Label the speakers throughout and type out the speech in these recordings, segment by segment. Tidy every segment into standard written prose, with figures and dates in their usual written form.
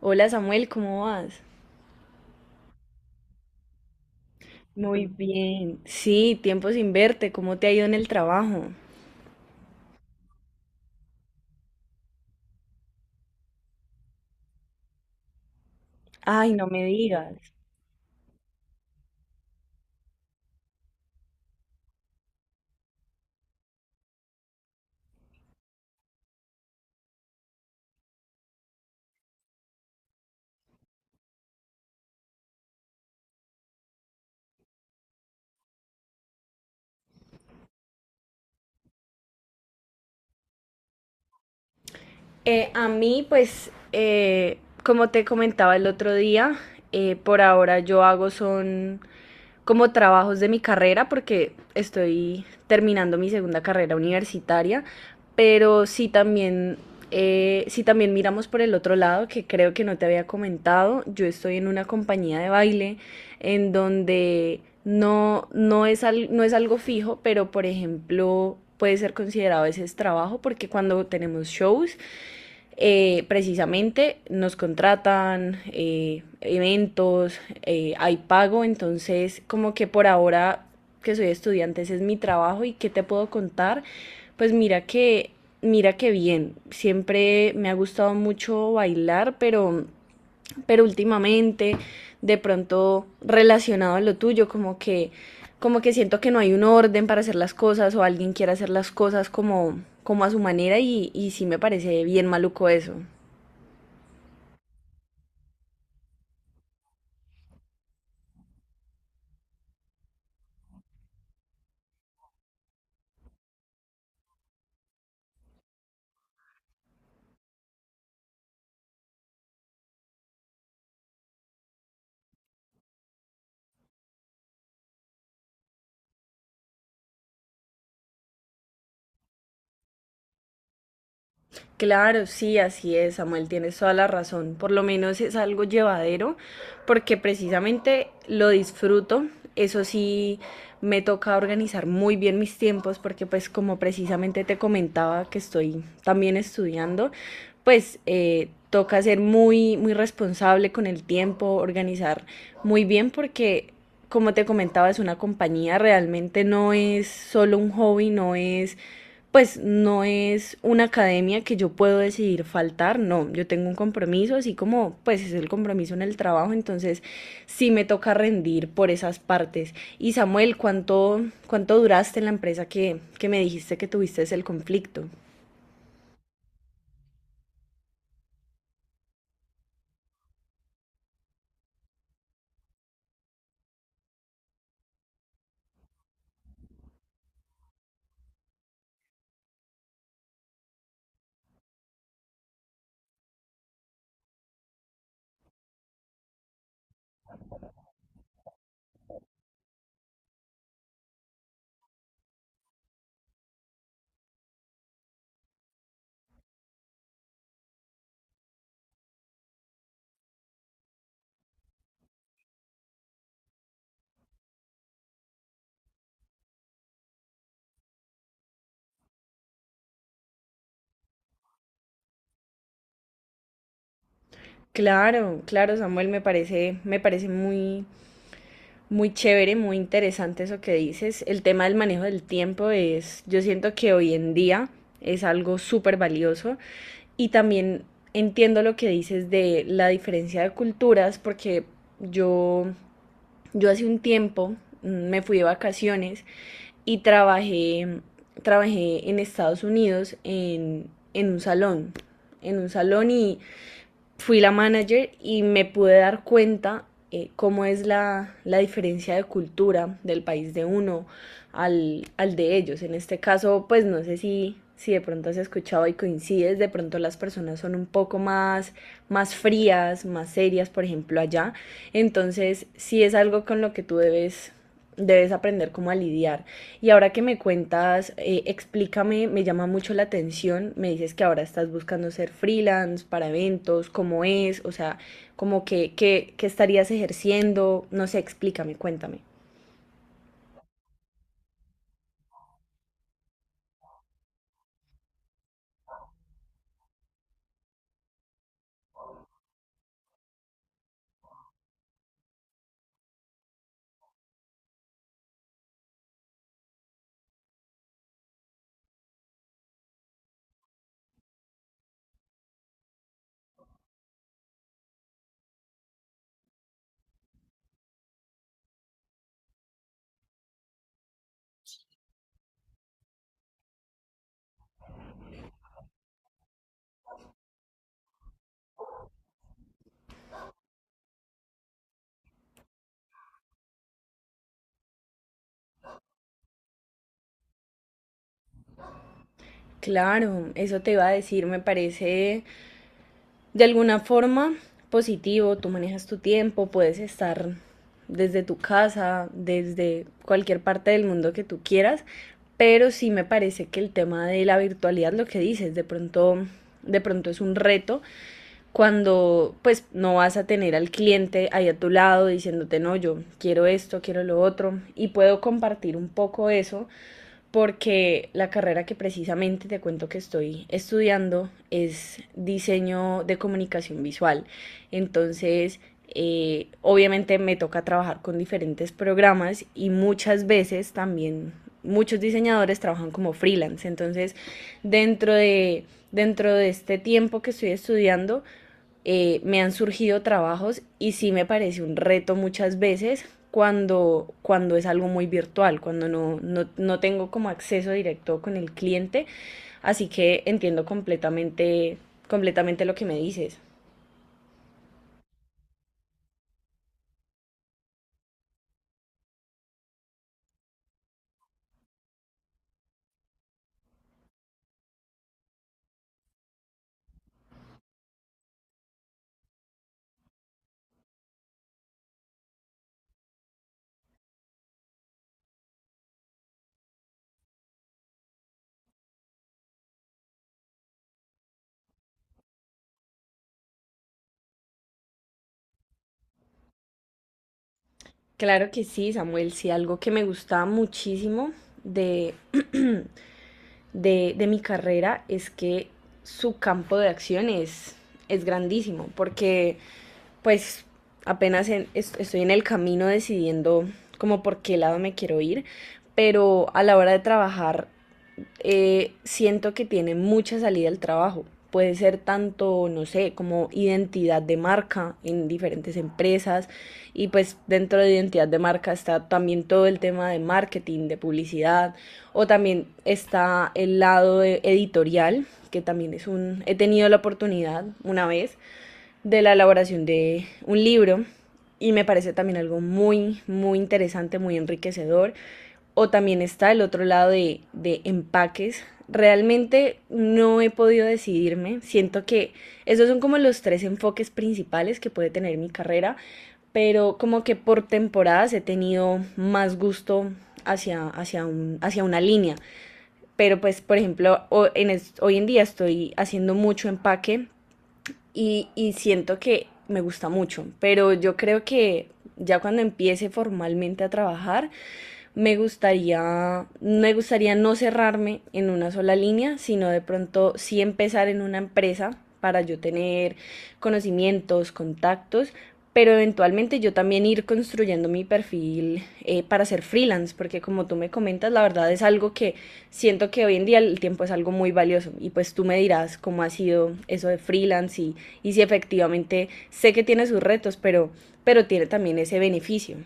Speaker 1: Hola, Samuel, ¿cómo vas? Muy bien. Sí, tiempo sin verte, ¿cómo te ha ido en el trabajo? Ay, no me digas. A mí, pues, como te comentaba el otro día, por ahora yo hago son como trabajos de mi carrera porque estoy terminando mi segunda carrera universitaria, pero sí también miramos por el otro lado, que creo que no te había comentado, yo estoy en una compañía de baile en donde no, no es, no es algo fijo, pero por ejemplo puede ser considerado a veces trabajo porque cuando tenemos shows, precisamente nos contratan eventos, hay pago, entonces como que por ahora que soy estudiante ese es mi trabajo. Y qué te puedo contar, pues mira que bien, siempre me ha gustado mucho bailar, pero últimamente, de pronto relacionado a lo tuyo, como que siento que no hay un orden para hacer las cosas o alguien quiere hacer las cosas como como a su manera, y sí me parece bien maluco eso. Claro, sí, así es, Samuel, tienes toda la razón. Por lo menos es algo llevadero, porque precisamente lo disfruto. Eso sí, me toca organizar muy bien mis tiempos, porque pues como precisamente te comentaba que estoy también estudiando, pues toca ser muy, muy responsable con el tiempo, organizar muy bien, porque como te comentaba, es una compañía, realmente no es solo un hobby, no es, pues no es una academia que yo puedo decidir faltar. No, yo tengo un compromiso, así como pues es el compromiso en el trabajo, entonces sí me toca rendir por esas partes. Y Samuel, ¿cuánto duraste en la empresa que me dijiste que tuviste el conflicto? Claro, claro, Samuel, me parece muy, muy chévere, muy interesante eso que dices. El tema del manejo del tiempo es, yo siento que hoy en día es algo súper valioso. Y también entiendo lo que dices de la diferencia de culturas, porque yo, yo hace un tiempo, me fui de vacaciones y trabajé en Estados Unidos en, en un salón, en un salón, y fui la manager, y me pude dar cuenta cómo es diferencia de cultura del país de uno de ellos. En este caso, pues no sé si, si de pronto has escuchado y coincides, de pronto las personas son un poco más, más frías, más serias, por ejemplo, allá. Entonces, sí es algo con lo que tú debes debes aprender cómo a lidiar. Y ahora que me cuentas, explícame, me llama mucho la atención. Me dices que ahora estás buscando ser freelance para eventos. ¿Cómo es? O sea, como que, que estarías ejerciendo, no sé, explícame, cuéntame. Claro, eso te iba a decir, me parece, de alguna forma, positivo, tú manejas tu tiempo, puedes estar desde tu casa, desde cualquier parte del mundo que tú quieras, pero sí me parece que el tema de la virtualidad, lo que dices, de pronto es un reto cuando pues no vas a tener al cliente ahí a tu lado diciéndote no, yo quiero esto, quiero lo otro. Y puedo compartir un poco eso, porque la carrera que precisamente te cuento que estoy estudiando es diseño de comunicación visual. Entonces, obviamente me toca trabajar con diferentes programas, y muchas veces también muchos diseñadores trabajan como freelance. Entonces, dentro de, dentro de este tiempo que estoy estudiando, me han surgido trabajos y sí me parece un reto muchas veces cuando, cuando es algo muy virtual, cuando no, no tengo como acceso directo con el cliente. Así que entiendo completamente, completamente lo que me dices. Claro que sí, Samuel. Sí, algo que me gusta muchísimo de, de mi carrera es que su campo de acción es grandísimo, porque pues apenas estoy en el camino decidiendo como por qué lado me quiero ir, pero a la hora de trabajar, siento que tiene mucha salida al trabajo. Puede ser tanto, no sé, como identidad de marca en diferentes empresas. Y pues dentro de identidad de marca está también todo el tema de marketing, de publicidad. O también está el lado editorial, que también es un... He tenido la oportunidad una vez de la elaboración de un libro y me parece también algo muy, muy interesante, muy enriquecedor. O también está el otro lado de empaques. Realmente no he podido decidirme. Siento que esos son como los tres enfoques principales que puede tener mi carrera, pero como que por temporadas he tenido más gusto hacia una línea. Pero pues, por ejemplo, hoy en día estoy haciendo mucho empaque, y siento que me gusta mucho, pero yo creo que ya cuando empiece formalmente a trabajar, me gustaría no cerrarme en una sola línea, sino de pronto sí empezar en una empresa para yo tener conocimientos, contactos, pero eventualmente yo también ir construyendo mi perfil, para ser freelance, porque como tú me comentas, la verdad es algo que siento que hoy en día el tiempo es algo muy valioso. Y pues tú me dirás cómo ha sido eso de freelance, y si efectivamente sé que tiene sus retos, pero tiene también ese beneficio.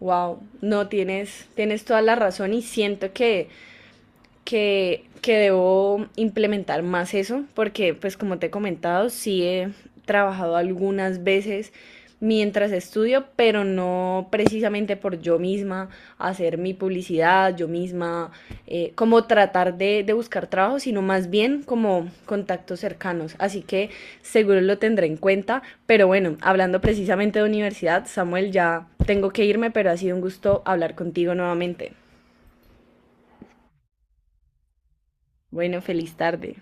Speaker 1: Wow, no tienes, tienes toda la razón y siento que que debo implementar más eso, porque pues como te he comentado, sí he trabajado algunas veces mientras estudio, pero no precisamente por yo misma hacer mi publicidad, yo misma, como tratar de buscar trabajo, sino más bien como contactos cercanos. Así que seguro lo tendré en cuenta, pero bueno, hablando precisamente de universidad, Samuel, ya tengo que irme, pero ha sido un gusto hablar contigo nuevamente. Bueno, feliz tarde.